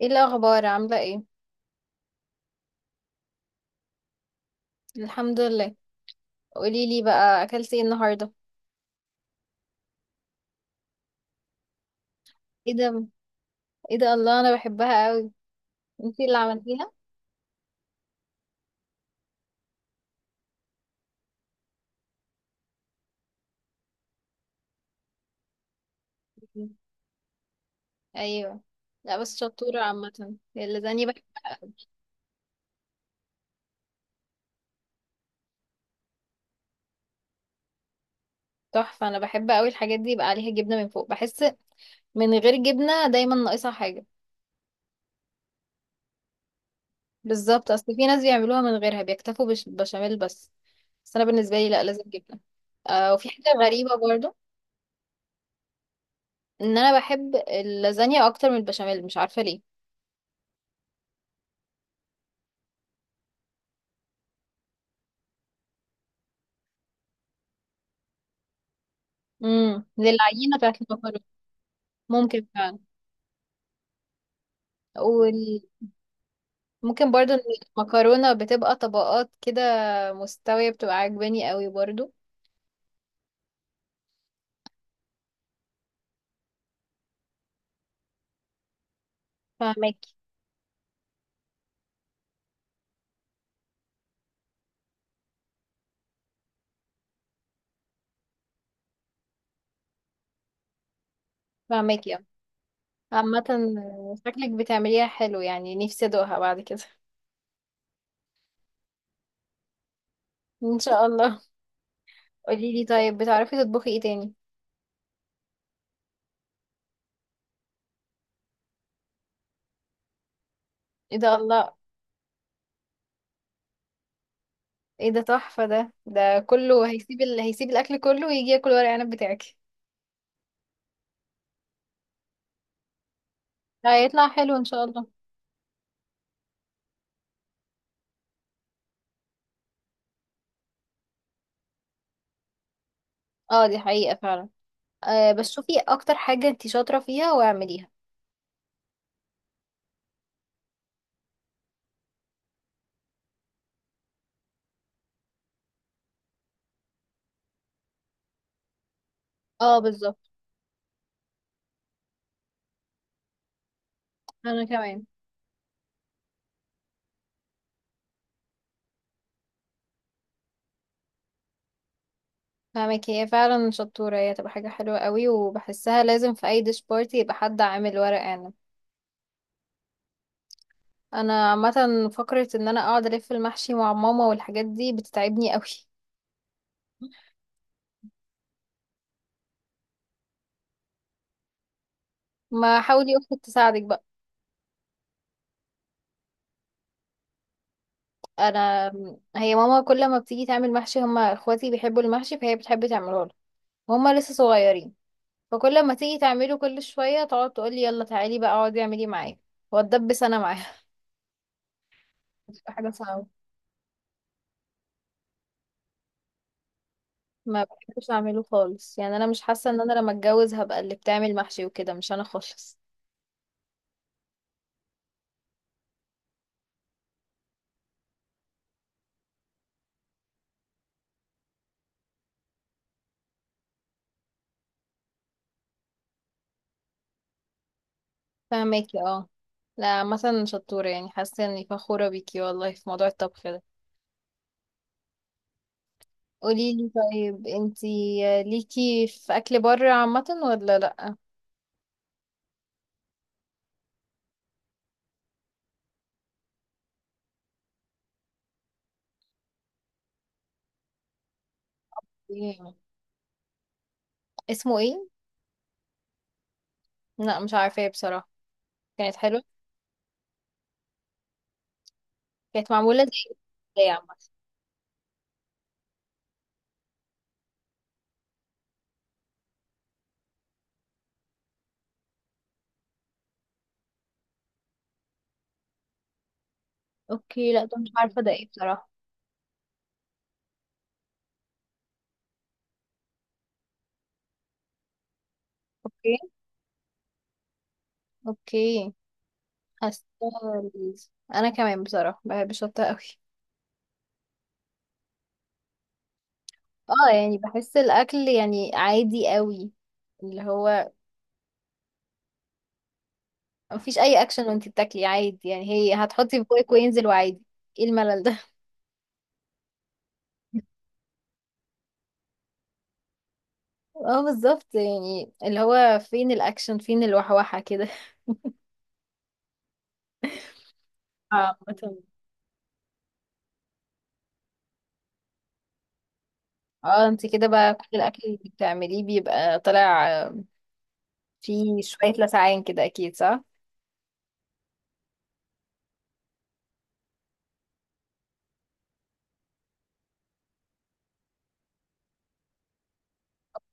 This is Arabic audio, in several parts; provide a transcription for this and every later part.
ايه الاخبار، عامله ايه؟ الحمد لله. قولي لي بقى، اكلتي ايه النهارده؟ ايه ده! ايه ده، الله، انا بحبها قوي. انتي اللي عملتيها؟ ايوه. لا بس شطوره، عامه اللازانيا بحبها. تحفه، انا بحب قوي الحاجات دي يبقى عليها جبنه من فوق، بحس من غير جبنه دايما ناقصها حاجه. بالظبط، اصل في ناس بيعملوها من غيرها بيكتفوا بشاميل بس. بس انا بالنسبه لي لا، لازم جبنه. آه، وفي حاجه غريبه برضو ان انا بحب اللازانيا اكتر من البشاميل، مش عارفه ليه. للعجينه بتاعت المكرونه. ممكن فعلا. وال... ممكن برضو إن المكرونة بتبقى طبقات كده مستوية، بتبقى عجباني قوي برضو. فهماكي. فهماكي اه. عامة، شكلك بتعمليها حلو، يعني نفسي ادوقها بعد كده. ان شاء الله. قوليلي طيب، بتعرفي تطبخي ايه تاني؟ ايه ده، الله! ايه ده تحفة! ده ده كله هيسيب هيسيب الاكل كله ويجي ياكل ورق عنب بتاعك. هيطلع حلو ان شاء الله. اه دي حقيقة فعلا. أه بس شوفي اكتر حاجة انتي شاطرة فيها واعمليها. اه بالظبط. انا كمان. فاهمك، هي فعلا شطورة، هي تبقى حاجة حلوة قوي، وبحسها لازم في أي ديش بارتي يبقى حد عامل ورق عنب. أنا عامة فكرة إن أنا أقعد ألف المحشي مع ماما والحاجات دي بتتعبني قوي. ما حاولي أختك تساعدك بقى. أنا، هي ماما كل ما بتيجي تعمل محشي هما إخواتي بيحبوا المحشي فهي بتحب تعمله له، وهما لسه صغيرين، فكل ما تيجي تعمله كل شوية تقعد تقولي يلا تعالي بقى اقعدي اعملي معايا، واتدبس أنا معاها. بتبقى حاجة صعبة. ما بحبش اعمله خالص، يعني انا مش حاسه ان انا لما اتجوز هبقى اللي بتعمل محشي وكده، مش انا خالص. فهماكي اه. لا مثلا شطوره يعني، حاسه اني فخوره بيكي والله في موضوع الطبخ ده. قولي لي طيب، انتي ليكي في اكل بره عامه ولا لا؟ إيه؟ اسمه ايه؟ لا مش عارفه ايه بصراحه. كانت حلوه. كانت معموله زي، زي عامه. اوكي، لا ده مش عارفه ده ايه بصراحه. اوكي. اوكي. حاسه ال- انا كمان بصراحه بحب الشطه قوي. اه يعني بحس الاكل يعني عادي قوي، اللي هو مفيش اي اكشن وانتي بتاكلي عادي، يعني هي هتحطي في بوقك وينزل وعادي. ايه الملل ده! اه بالظبط، يعني اللي هو فين الاكشن فين الوحوحة كده! عامة. اه انتي كده بقى كل الاكل اللي بتعمليه بيبقى طالع فيه شوية لسعان كده اكيد، صح؟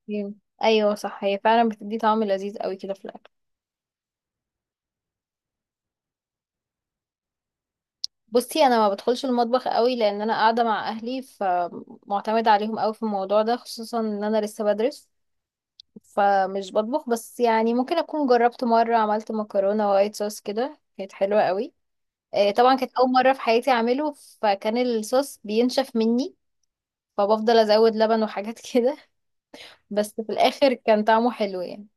مم. ايوه صح، هي فعلا بتدي طعم لذيذ قوي كده في الاكل. بصي، انا ما بدخلش المطبخ قوي لان انا قاعده مع اهلي، فمعتمده عليهم قوي في الموضوع ده، خصوصا ان انا لسه بدرس، فمش بطبخ. بس يعني ممكن اكون جربت مره، عملت مكرونه وايت صوص كده، كانت حلوه قوي. آه، طبعا كانت اول مره في حياتي اعمله، فكان الصوص بينشف مني، فبفضل ازود لبن وحاجات كده، بس في الاخر كان طعمه حلو يعني.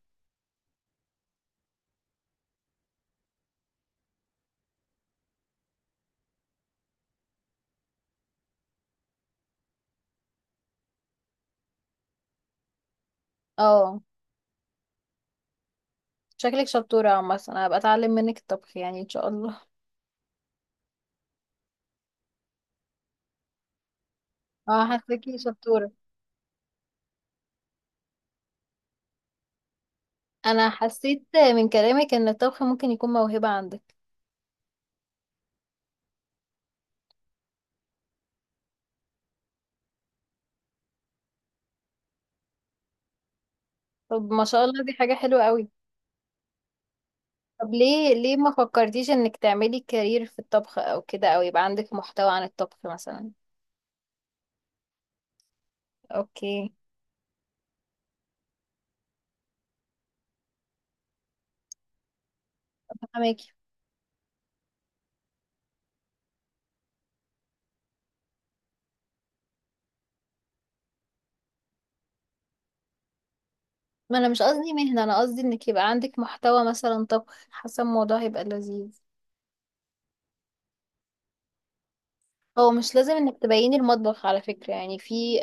اه شكلك شطوره، عامه انا هبقى اتعلم منك الطبخ يعني ان شاء الله. اه حاساكي شطوره، انا حسيت من كلامك ان الطبخ ممكن يكون موهبة عندك. طب ما شاء الله، دي حاجة حلوة قوي. طب ليه ما فكرتيش انك تعملي كارير في الطبخ او كده، او يبقى عندك محتوى عن الطبخ مثلا؟ اوكي. فهماكي. ما انا مش قصدي مهنة، انا قصدي انك يبقى عندك محتوى مثلا طبخ، حاسة الموضوع هيبقى لذيذ. هو مش لازم انك تبيني المطبخ على فكرة، يعني في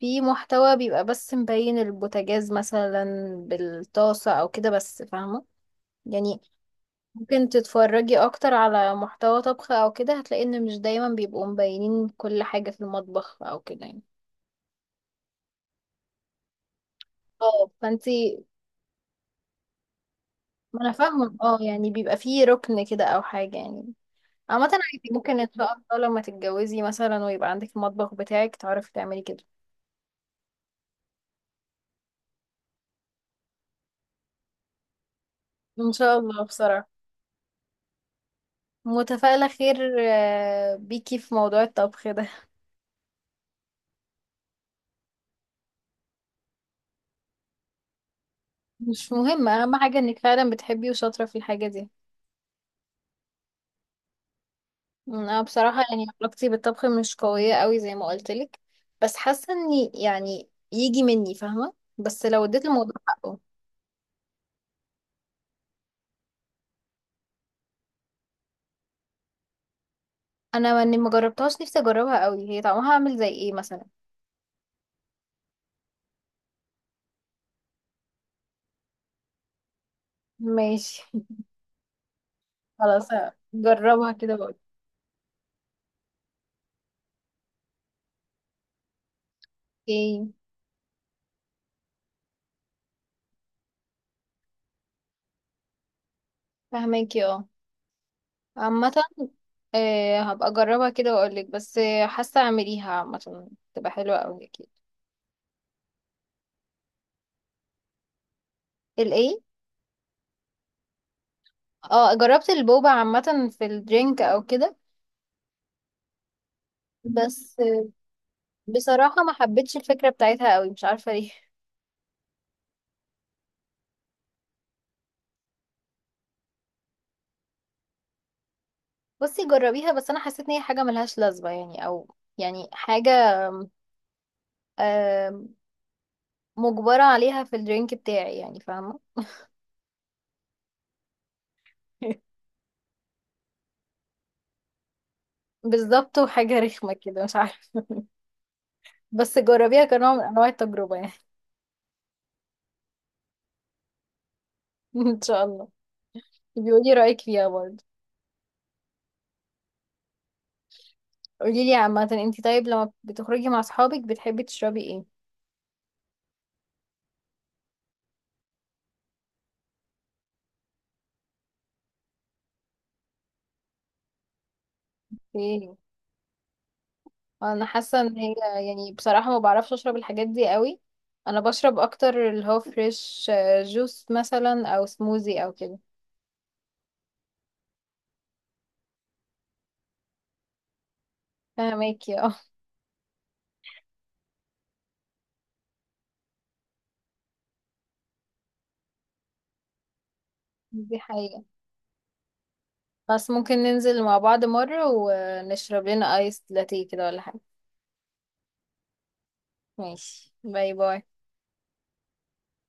في محتوى بيبقى بس مبين البوتاجاز مثلا بالطاسة او كده بس، فاهمة يعني. ممكن تتفرجي اكتر على محتوى طبخ او كده، هتلاقي ان مش دايما بيبقوا مبينين كل حاجة في المطبخ او كده يعني. اه فانتي، ما انا فاهمة اه، يعني بيبقى فيه ركن كده او حاجة يعني. عامة عادي، ممكن ان شاء الله لما تتجوزي مثلا ويبقى عندك المطبخ بتاعك تعرفي تعملي كده ان شاء الله، بصراحة متفائلة خير بيكي في موضوع الطبخ ده. مش مهم، اهم حاجة انك فعلا بتحبي وشاطرة في الحاجة دي. انا بصراحة يعني علاقتي بالطبخ مش قوية قوي زي ما قلت لك، بس حاسة اني يعني يجي مني فاهمة، بس لو اديت الموضوع حقه. انا اني ما جربتهاش، نفسي اجربها قوي، هي طعمها عامل زي ايه مثلا؟ ماشي. خلاص، جربها كده بقول. ايه. فاهماكي اه. عامة، آه، هبقى اجربها كده واقول لك، بس حاسة اعمليها عامة تبقى حلوة قوي اكيد. الايه؟ اه جربت البوبا عامة في الدرينك او كده، بس بصراحة ما حبيتش الفكرة بتاعتها قوي، مش عارفة ليه. بصي جربيها، بس انا حسيت ان هي حاجة ملهاش لازمة يعني، او يعني حاجة آم، مجبرة عليها في الدرينك بتاعي، يعني فاهمة. بالظبط، وحاجة رخمة كده مش عارفة، بس جربيها كنوع من انواع التجربة يعني. ان شاء الله، بيقولي رأيك فيها برضه. قوليلي عامة انتي طيب، لما بتخرجي مع اصحابك بتحبي تشربي ايه؟ ايه. انا حاسه ان هي، يعني بصراحه ما بعرفش اشرب الحاجات دي قوي، انا بشرب اكتر اللي هو فريش جوس مثلا او سموزي او كده. فهماكي اه، دي حقيقه، بس ممكن ننزل مع بعض مره ونشرب لنا ايس لاتيه كده ولا حاجه. ماشي، باي باي.